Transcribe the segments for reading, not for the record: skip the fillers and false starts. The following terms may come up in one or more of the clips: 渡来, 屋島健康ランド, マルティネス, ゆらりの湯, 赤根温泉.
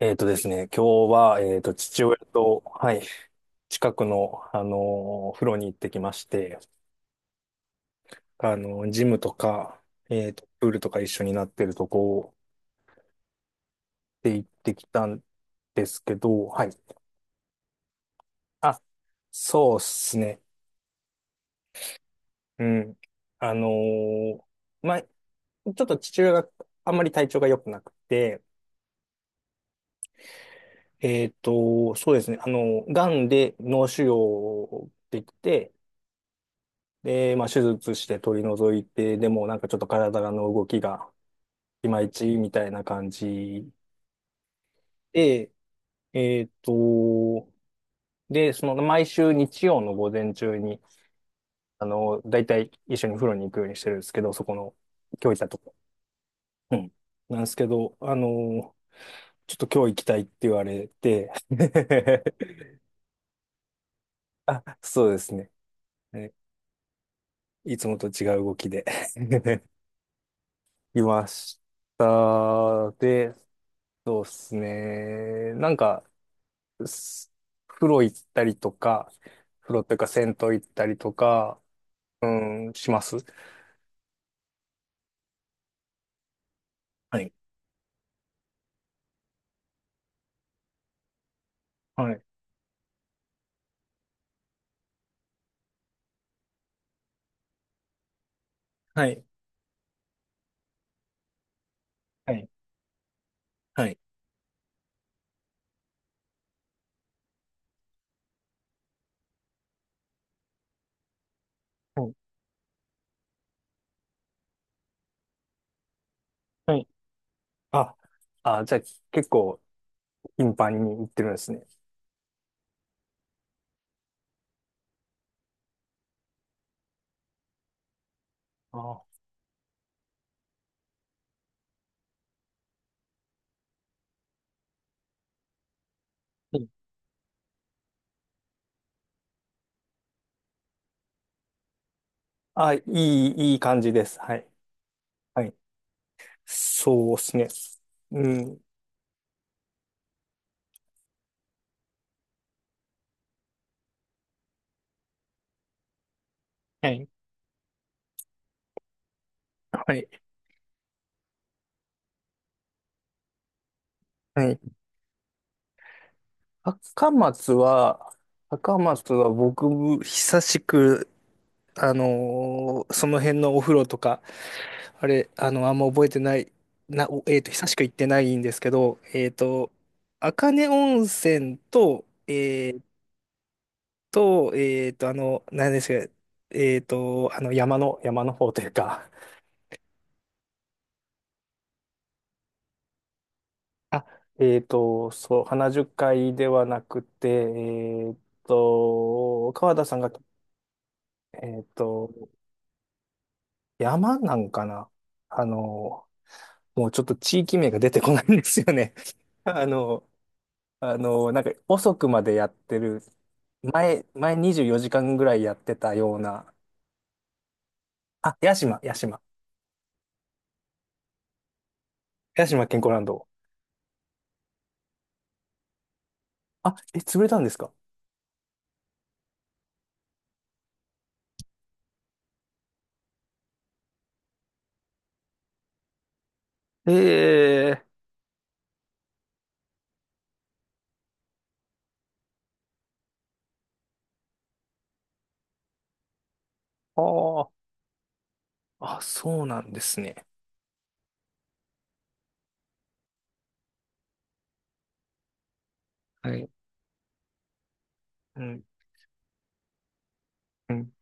えっとですね、今日は、父親と、はい、近くの、風呂に行ってきまして、ジムとか、プールとか一緒になってるとこで行ってきたんですけど、はい。あ、そうっすね。うん。あのーまあ、ちょっと父親があんまり体調が良くなくて、そうですね、癌で脳腫瘍できて、で、まあ、手術して取り除いて、でもなんかちょっと体の動きがいまいちみたいな感じで、えっと、で、その毎週日曜の午前中に、だいたい一緒に風呂に行くようにしてるんですけど、そこの、今日行ったとこ。うん。なんですけど、ちょっと今日行きたいって言われて あ、そうですね。ねいつもと違う動きで いました。で、そうですね。なんか、す風呂行ったりとか、風呂っていうか銭湯行ったりとか、うん、します。はい。はい。はい。はい。はい。はいはいあ、あ、じゃあ結構頻繁に行ってるんですね。ああ、いい、あいい、いい感じです。はい。はい。そうですね。うん。はい。はい。はい。高松は、高松は僕、久しく、その辺のお風呂とか、あれ、あの、あんま覚えてない、な、おえっと、久しく行ってないんですけど、赤根温泉と、何ですか、山の方というか、あ、そう、花樹海ではなくて、川田さんが、えっと、山なんかなあの、もうちょっと地域名が出てこないんですよね。あの、なんか遅くまでやってる、前24時間ぐらいやってたような、あ、屋島、屋島。屋島健康ランド。あ、え、潰れたんですかええああー、あ、そうなんですね。はい。うん、うん、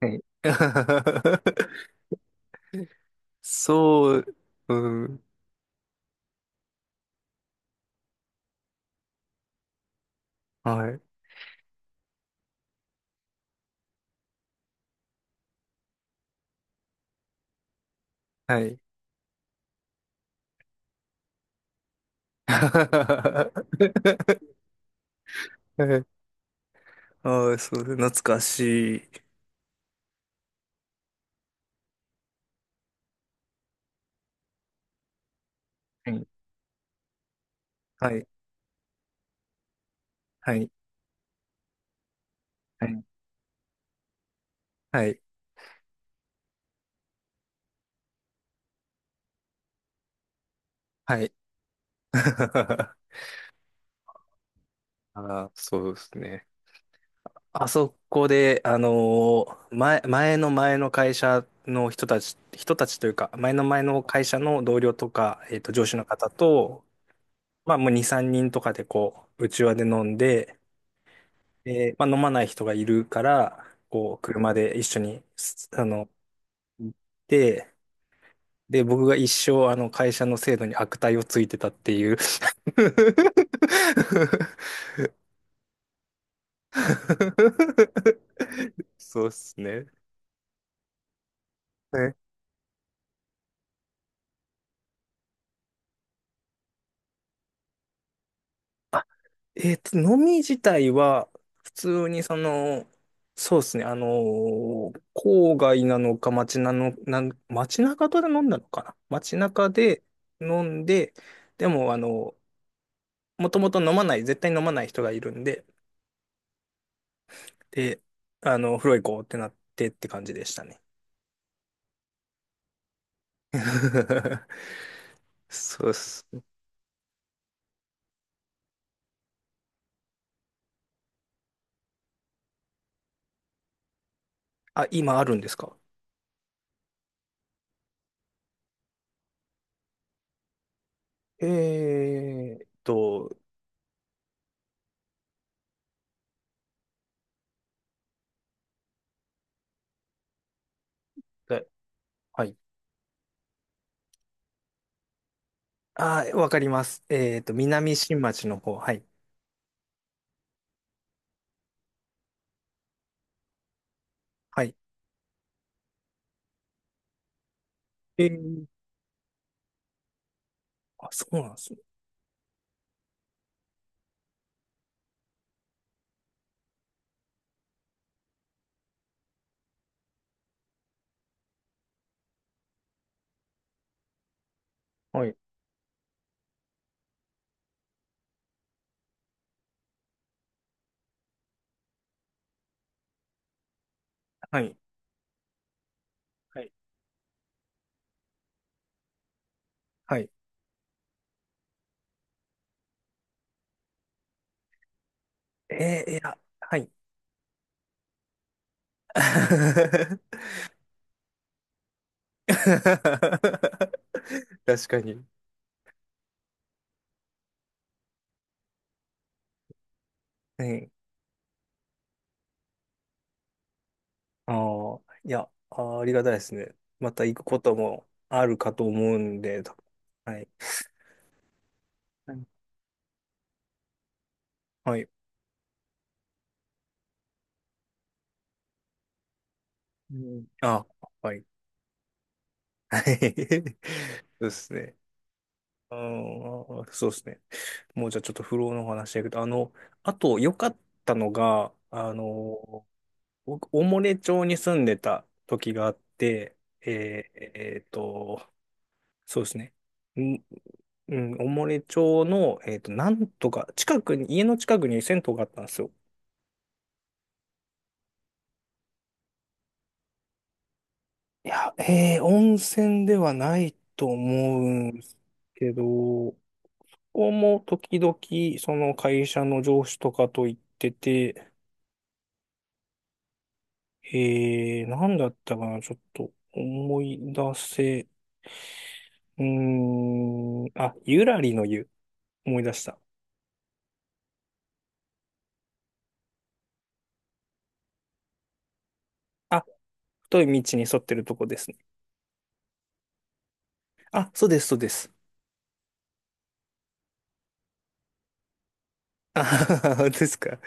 はい。そう、うん、はい、はい。ああ、そう、懐かしい。はい、はい、はい、はい、はい。はい あーそうですね。あそこで、前の前の会社の人たち、人たちというか、前の前の会社の同僚とか、上司の方と、まあもう2、3人とかでこう、内わで飲んで、で、まあ飲まない人がいるから、こう、車で一緒に、すあの、行って、で、僕が一生、会社の制度に悪態をついてたっていう そうですね。飲み自体は、普通にそうですね、郊外なのか街なの、街中で飲んだのかな街中で飲んで、でも、もともと飲まない、絶対飲まない人がいるんで、で、風呂行こうってなってって感じでしたね。そうっす。あ、今あるんですかえーっと、えはい。あー、わかります。南新町の方。はい。はいえー、あ、そうなんですね。はい。はい。はい。はい。いや、はい。確かに。はい。ああ、いや、あー、ありがたいですね。また行くこともあるかと思うんで、多分はい。はい。うん、あ、はい。はい。そうですね。あー、そうですね。もうじゃあちょっと不老のお話だけど、あと良かったのが、僕、おもれ町に住んでた時があって、えーえーと、そうですね。んうん、おもれ町の、なんとか、近くに、家の近くに銭湯があったんですよ。いや、温泉ではないと思うんですけど、ここも時々、その会社の上司とかと行ってて、なんだったかな、ちょっと思い出せ、うーん、あ、ゆらりの湯、思い出した。あ太い道に沿ってるとこですね。あ、そうです、そうです。あははは ですか。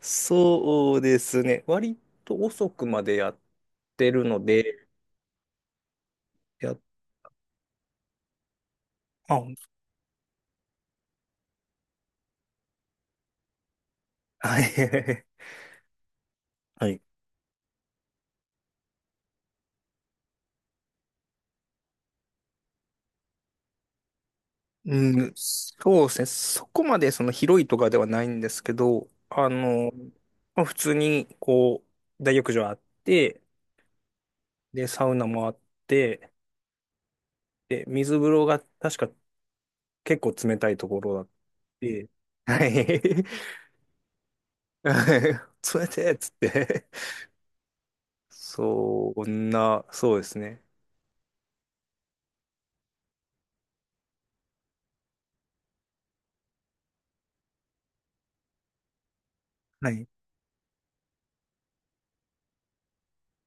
そうですね。割と遅くまでやってるので、や、あ、はい。はい。うん、そうですね。そこまで広いとかではないんですけど、まあ、普通にこう、大浴場あって、で、サウナもあって、で、水風呂が確か結構冷たいところだって、はい。冷てえっつってそんな、そうですね。はい。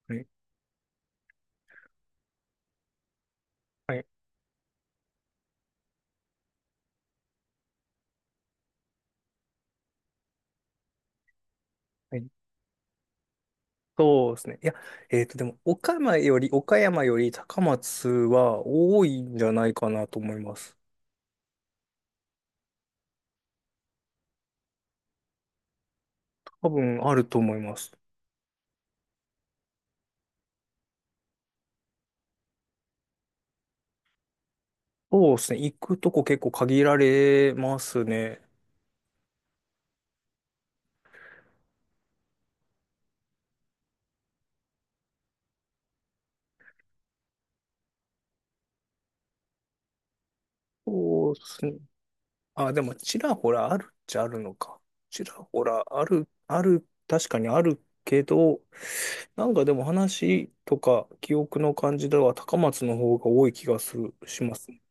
はい。はい。はいそうですね。いや、でも、岡山より高松は多いんじゃないかなと思います。多分あると思います。そうですね。行くとこ結構限られますね。そうですね。あ、でも、ちらほらあるっちゃあるのか。ちらほらある、ある、確かにあるけど、なんかでも話とか記憶の感じでは高松の方が多い気がする、しますね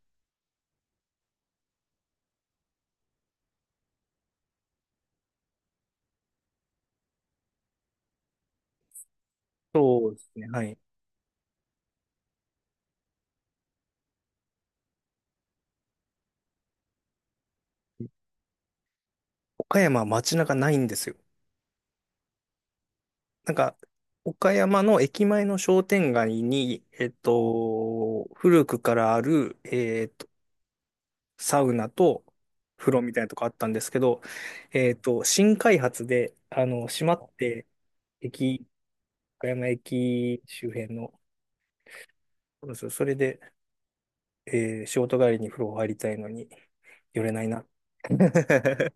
そうですね。はい。岡山は街中ないんですよ。なんか、岡山の駅前の商店街に、古くからある、サウナと風呂みたいなとこあったんですけど、新開発で、閉まって、駅、岡山駅周辺の、そうですそれで、仕事帰りに風呂入りたいのに、寄れないな。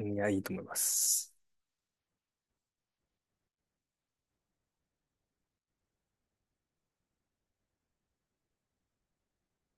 いや、いいと思います。